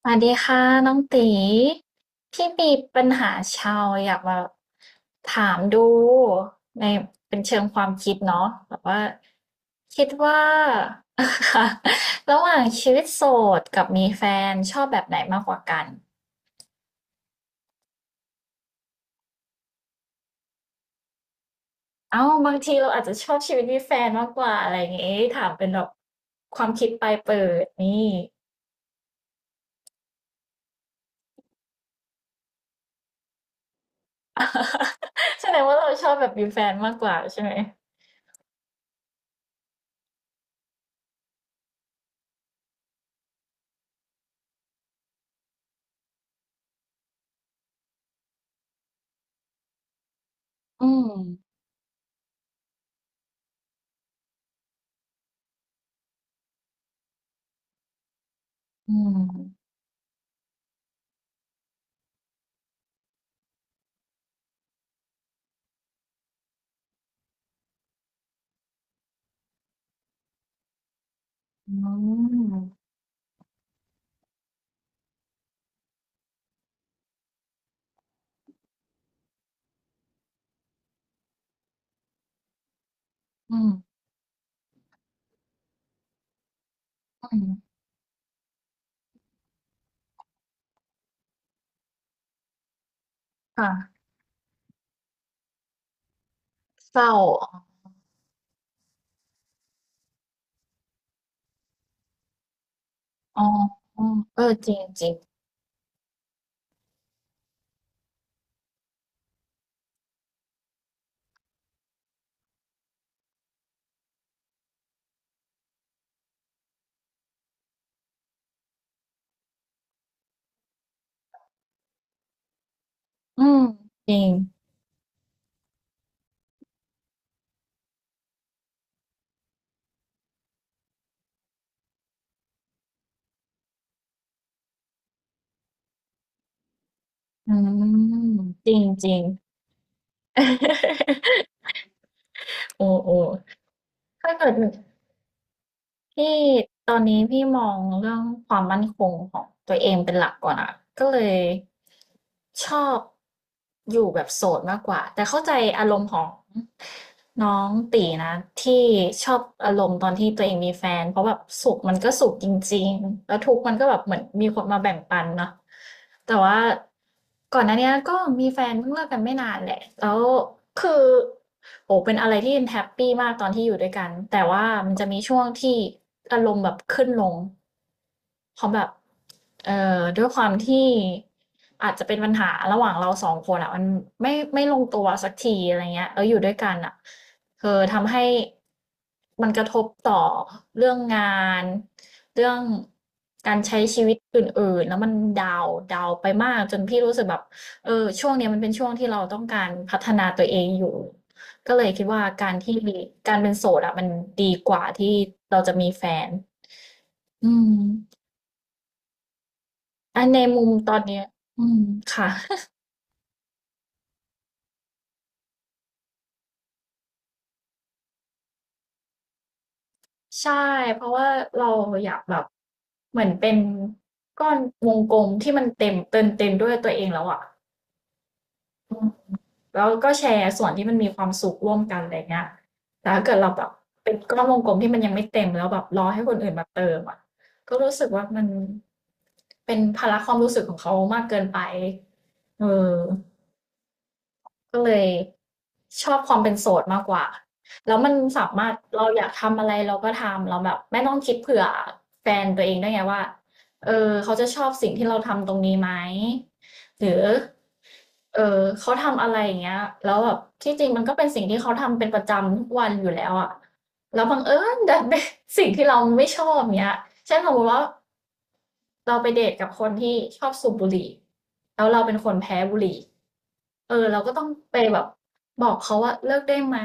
สวัสดีค่ะน้องตีพี่มีปัญหาชาวอยากมาถามดูในเป็นเชิงความคิดเนาะแบบว่าคิดว่า ค่ะระหว่างชีวิตโสดกับมีแฟนชอบแบบไหนมากกว่ากันเอ้าบางทีเราอาจจะชอบชีวิตมีแฟนมากกว่าอะไรอย่างงี้ถามเป็นแบบความคิดปลายเปิดนี่ แสดงว่าเราชอบแบบมีแฟนมากกว่าใช่ไหมอืมอืมอืมอืม อืมค่ะเศร้าอ๋ออ๋อเออจริงจริงอืมจริงอืมจริงจริงโอ้โอ้ถ้าเกิดพี่ตอนนี้พี่มองเรื่องความมั่นคงของตัวเองเป็นหลักก่อนอะก็เลย ชอบอยู่แบบโสดมากกว่าแต่เข้าใจอารมณ์ของน้องตีนะที่ชอบอารมณ์ตอนที่ตัวเองมีแฟนเพราะแบบสุขมันก็สุขจริงๆแล้วทุกข์มันก็แบบเหมือนมีคนมาแบ่งปันเนาะแต่ว่าก่อนหน้าเนี้ยก็มีแฟนเพิ่งเลิกกันไม่นานแหละแล้วคือ โอ้เป็นอะไรที่แฮปปี้มากตอนที่อยู่ด้วยกัน แต่ว่ามันจะมีช่วงที่อารมณ์แบบขึ้นลงเพราะแบบเอ่ด้วยความที่อาจจะเป็นปัญหาระหว่างเราสองคนอะมันไม่ลงตัวสักทีอะไรเงี้ยแล้วอยู่ด้วยกันอะเออทำให้มันกระทบต่อเรื่องงานเรื่องการใช้ชีวิตอื่นๆแล้วมันดาวดาวไปมากจนพี่รู้สึกแบบเออช่วงเนี้ยมันเป็นช่วงที่เราต้องการพัฒนาตัวเองอยู่ ก็เลยคิดว่าการเป็นโสดอะมันดีกว่าที่เราจะมีแฟน อืมอันในมุมตอนเนี้ยอืมค่ะใช่เพราะว่าเราอยากแบบเหมือนเป็นก้อนวงกลมที่มันเต็มด้วยตัวเองแล้วอะอืมแล้วก็แชร์ส่วนที่มันมีความสุขร่วมกันอะไรเงี้ยแต่ถ้าเกิดเราแบบเป็นก้อนวงกลมที่มันยังไม่เต็มแล้วแบบรอให้คนอื่นมาเติมอะก็รู้สึกว่ามันเป็นภาระความรู้สึกของเขามากเกินไปเออ ก็เลยชอบความเป็นโสดมากกว่า แล้วมันสามารถเราอยากทำอะไรเราก็ทำเราแบบไม่ต้องคิดเผื่อแฟนตัวเองด้วยไงว่าเออเขาจะชอบสิ่งที่เราทำตรงนี้ไหมหรือเออเขาทำอะไรอย่างเงี้ยแล้วแบบที่จริงมันก็เป็นสิ่งที่เขาทำเป็นประจำทุกวันอยู่แล้วอะแล้วบังเอิญดันเป็น สิ่งที่เราไม่ชอบเงี้ยเช่นสมมติว่าเราไปเดทกับคนที่ชอบสูบบุหรี่แล้วเราเป็นคนแพ้บุหรี่ เออเราก็ต้องไปแบบบอกเขาว่าเลิกได้ไหม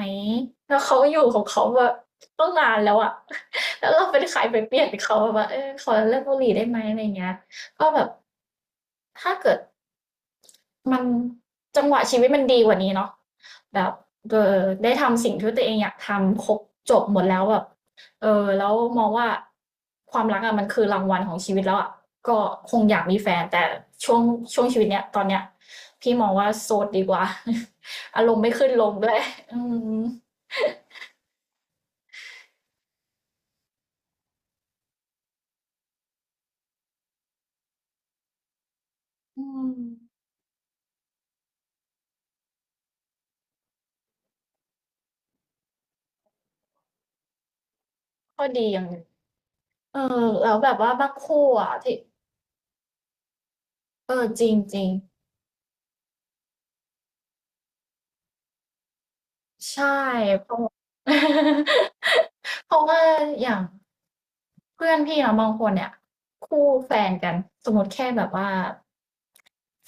แล้วเขาอยู่ของเขาแบบตั้งนานแล้วอะ แล้วเราเป็นใครไปเปลี่ยนเขาแบบว่าเออขอเลิกบุหรี่ได้ไหมอะไรอย่างเงี้ยก็แบบถ้าเกิด มันจังหวะชีวิตมันดีกว่านี้เนาะแบบเออได้ทำสิ่งที่ตัวเองอยากทำครบจบหมดแล้วแบบเออแล้วมองว่าความรักอะมันคือรางวัลของชีวิตแล้วอะก็คงอยากมีแฟนแต่ช่วงช่วงชีวิตเนี้ยตอนเนี้ยพี่มองว่าโสดดีกว่า อารมณ์ไม่ขึ้นลงด้วยอืมอืมก็ดีอย่างหนึงเออแล้วแบบว่าบางคู่อ่ะที่เออจริงจริงใช่เพราะ เพราะว่าอย่าง เพื่อนพี่เนาะบางคนเนี่ยคู่แฟนกันสมมติแค่แบบว่า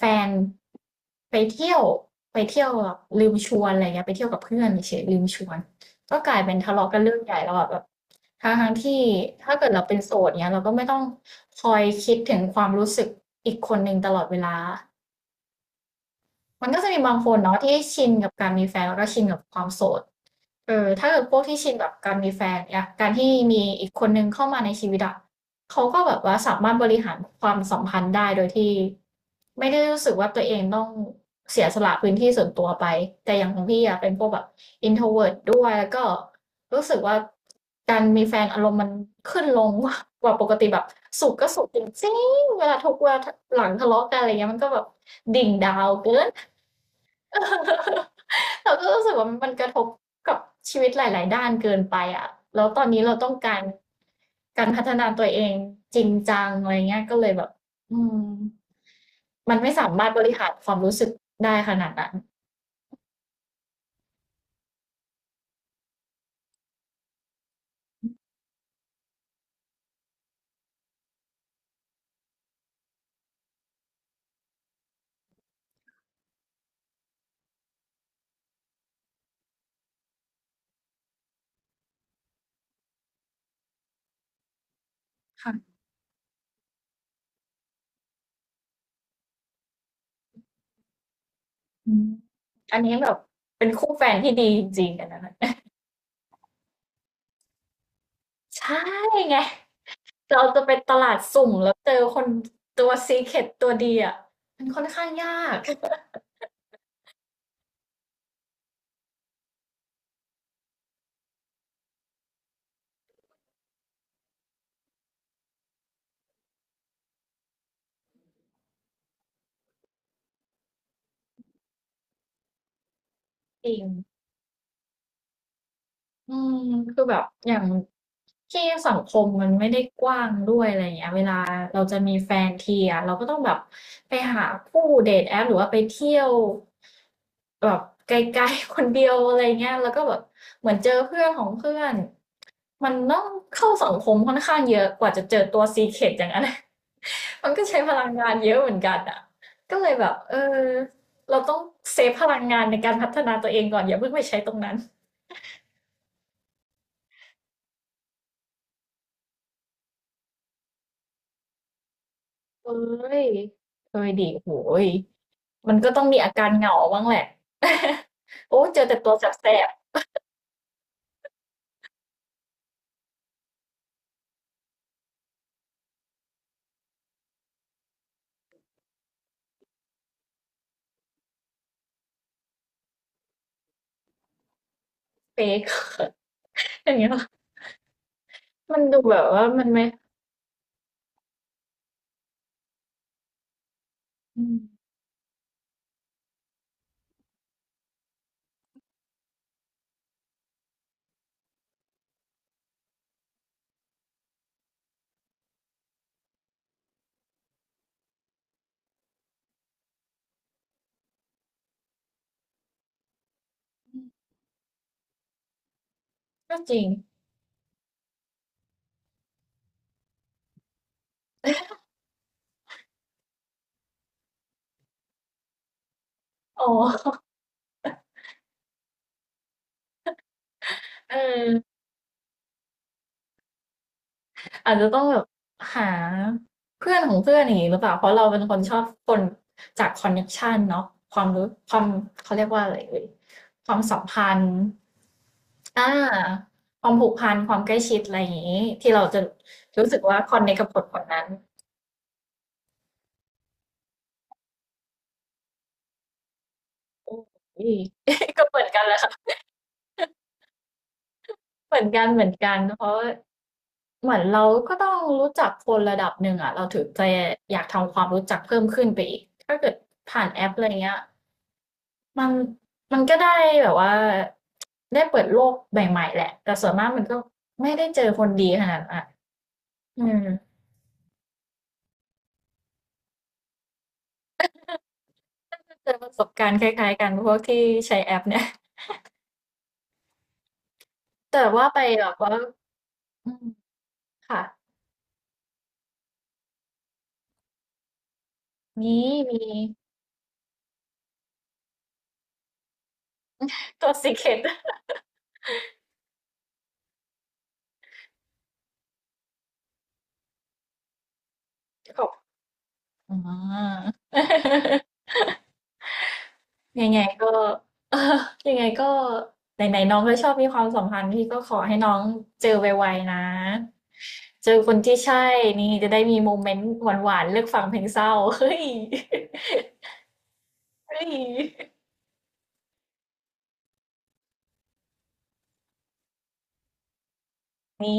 แฟนไปเที่ยวไปเที่ยวแบบลืมชวนอะไรเงี้ยไปเที่ยวกับเพื่อนเฉยๆลืมชวนก็กลายเป็นทะเลาะกันเรื่องใหญ่แล้วอะแบบทั้งทที่ถ้าเกิดเราเป็นโสดเนี้ยเราก็ไม่ต้องคอยคิดถึงความรู้สึกอีกคนหนึ่งตลอดเวลา มันก็จะมีบางคนเนาะที่ชินกับการมีแฟนแล้วก็ชินกับความโสดเออถ้าเกิดพวกที่ชินกับการมีแฟนเนี่ยการที่มีอีกคนนึงเข้ามาในชีวิตอะเขาก็แบบว่าสามารถบริหารความสัมพันธ์ได้โดยที่ไม่ได้รู้สึกว่าตัวเองต้องเสียสละพื้นที่ส่วนตัวไปแต่อย่างของพี่อะเป็นพวกแบบ introvert ด้วยแล้วก็รู้สึกว่าการมีแฟนอารมณ์มันขึ้นลง กว่าปกติแบบสุข จริงเวลาทุกเวลาหลังทะเลาะกันอะไรเงี้ยมันก็แบบดิ่งดาวเกิน เราก็รู้สึกว่ามันกระทบกับชีวิตหลายๆด้านเกินไปอ่ะแล้วตอนนี้เราต้องการการพัฒนาตัวเองจริงจังอะไรเงี้ยก็เลยแบบอืมมันไม่สามารถบริหารความรู้สึกได้ขนาดนั้นค่ะอืมอันนี้แบบเป็นคู่แฟนที่ดีจริงๆกันนะ ใช่ไง เราจะไปตลาดสุ่มแล้วเจอคนตัว Secret ตัวดีอ่ะมันค่อนข้างยากจริงอืมคือแบบอย่างที่สังคมมันไม่ได้กว้างด้วยอะไรอย่างเงี้ยเวลาเราจะมีแฟนทีอ่ะเราก็ต้องแบบไปหาคู่เดทแอปหรือว่าไปเที่ยวแบบไกลๆ คนเดียวอะไรเงี้ยแล้วก็แบบเหมือนเจอเพื่อนของเพื่อน มันต้องเข้าสังคมค่อนข้างเยอะกว่าจะเจอตัว Secret อย่างนั้น มันก็ใช้พลังงานเยอะเหมือนกันอ่ะก็เลยแบบเออเราต้องเซฟพลังงานในการพัฒนาตัวเองก่อนอย่าเพิ่งไปใช้ตรงนั้นเอ้ยเอ้ยดิโหยมันก็ต้องมีอาการเหงาบ้างแหละ โอ้เจอแต่ตัวแสบๆเฟก อย่างเงี้ยมันดูแบบว่ามันไม่อืมก็จริงอ๋อเออ อาจจะต้องแบบหาเพื่อนของเพื่อนอย่างนี้หรือเปล่าเพราะเราเป็นคนชอบคนจากคอนเนคชันเนาะความรู้ความเขาเรียกว่าอะไรเอ่ยความสัมพันธ์อ่าความผูกพันความใกล้ชิดอะไรอย่างงี้ที่เราจะรู้สึกว่าคอนเนคกับคนคนนั้นโอ้ย ก็เหมือนกันแหละค่ะเหมือนกันเหมือนกันเพราะเหมือนเราก็ต้องรู้จักคนระดับหนึ่งอ่ะเราถึงจะอยากทำความรู้จักเพิ่มขึ้นไปอีกถ้าเกิดผ่านแอปอะไรเงี้ย มันมันก็ได้แบบว่าได้เปิดโลกใหม่ๆแหละแต่ส่วนมากมันก็ไม่ได้เจอคนดีขนาดนั้นอะอืมก็เจอประสบการณ์คล้ายๆกันพวกที่ใช้แอปเนี่ย แต่ว่าไปแบบว่าอืมค่ะมีมีตัว Secret ขอบอ่า ยังไงก็ เออยังไงก็ไหนๆน้องก็ชอบมีความสัมพันธ์พี่ก็ขอให้น้องเจอไวๆนะเจอคนที่ใช่นี่จะได้มีโมเมนต์หวานๆเลือกฟังเพลงเศร้า เฮ้ยเฮ้ยนี่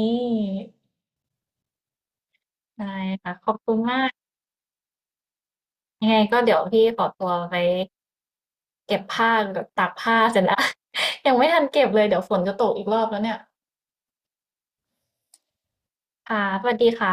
ได้ค่ะขอบคุณมากยังไงก็เดี๋ยวพี่ขอตัวไปเก็บผ้ากับตากผ้าเสร็จแล้ว ยังไม่ทันเก็บเลยเดี๋ยวฝนจะตกอีกรอบแล้วเนี่ยค่ะสวัสดีค่ะ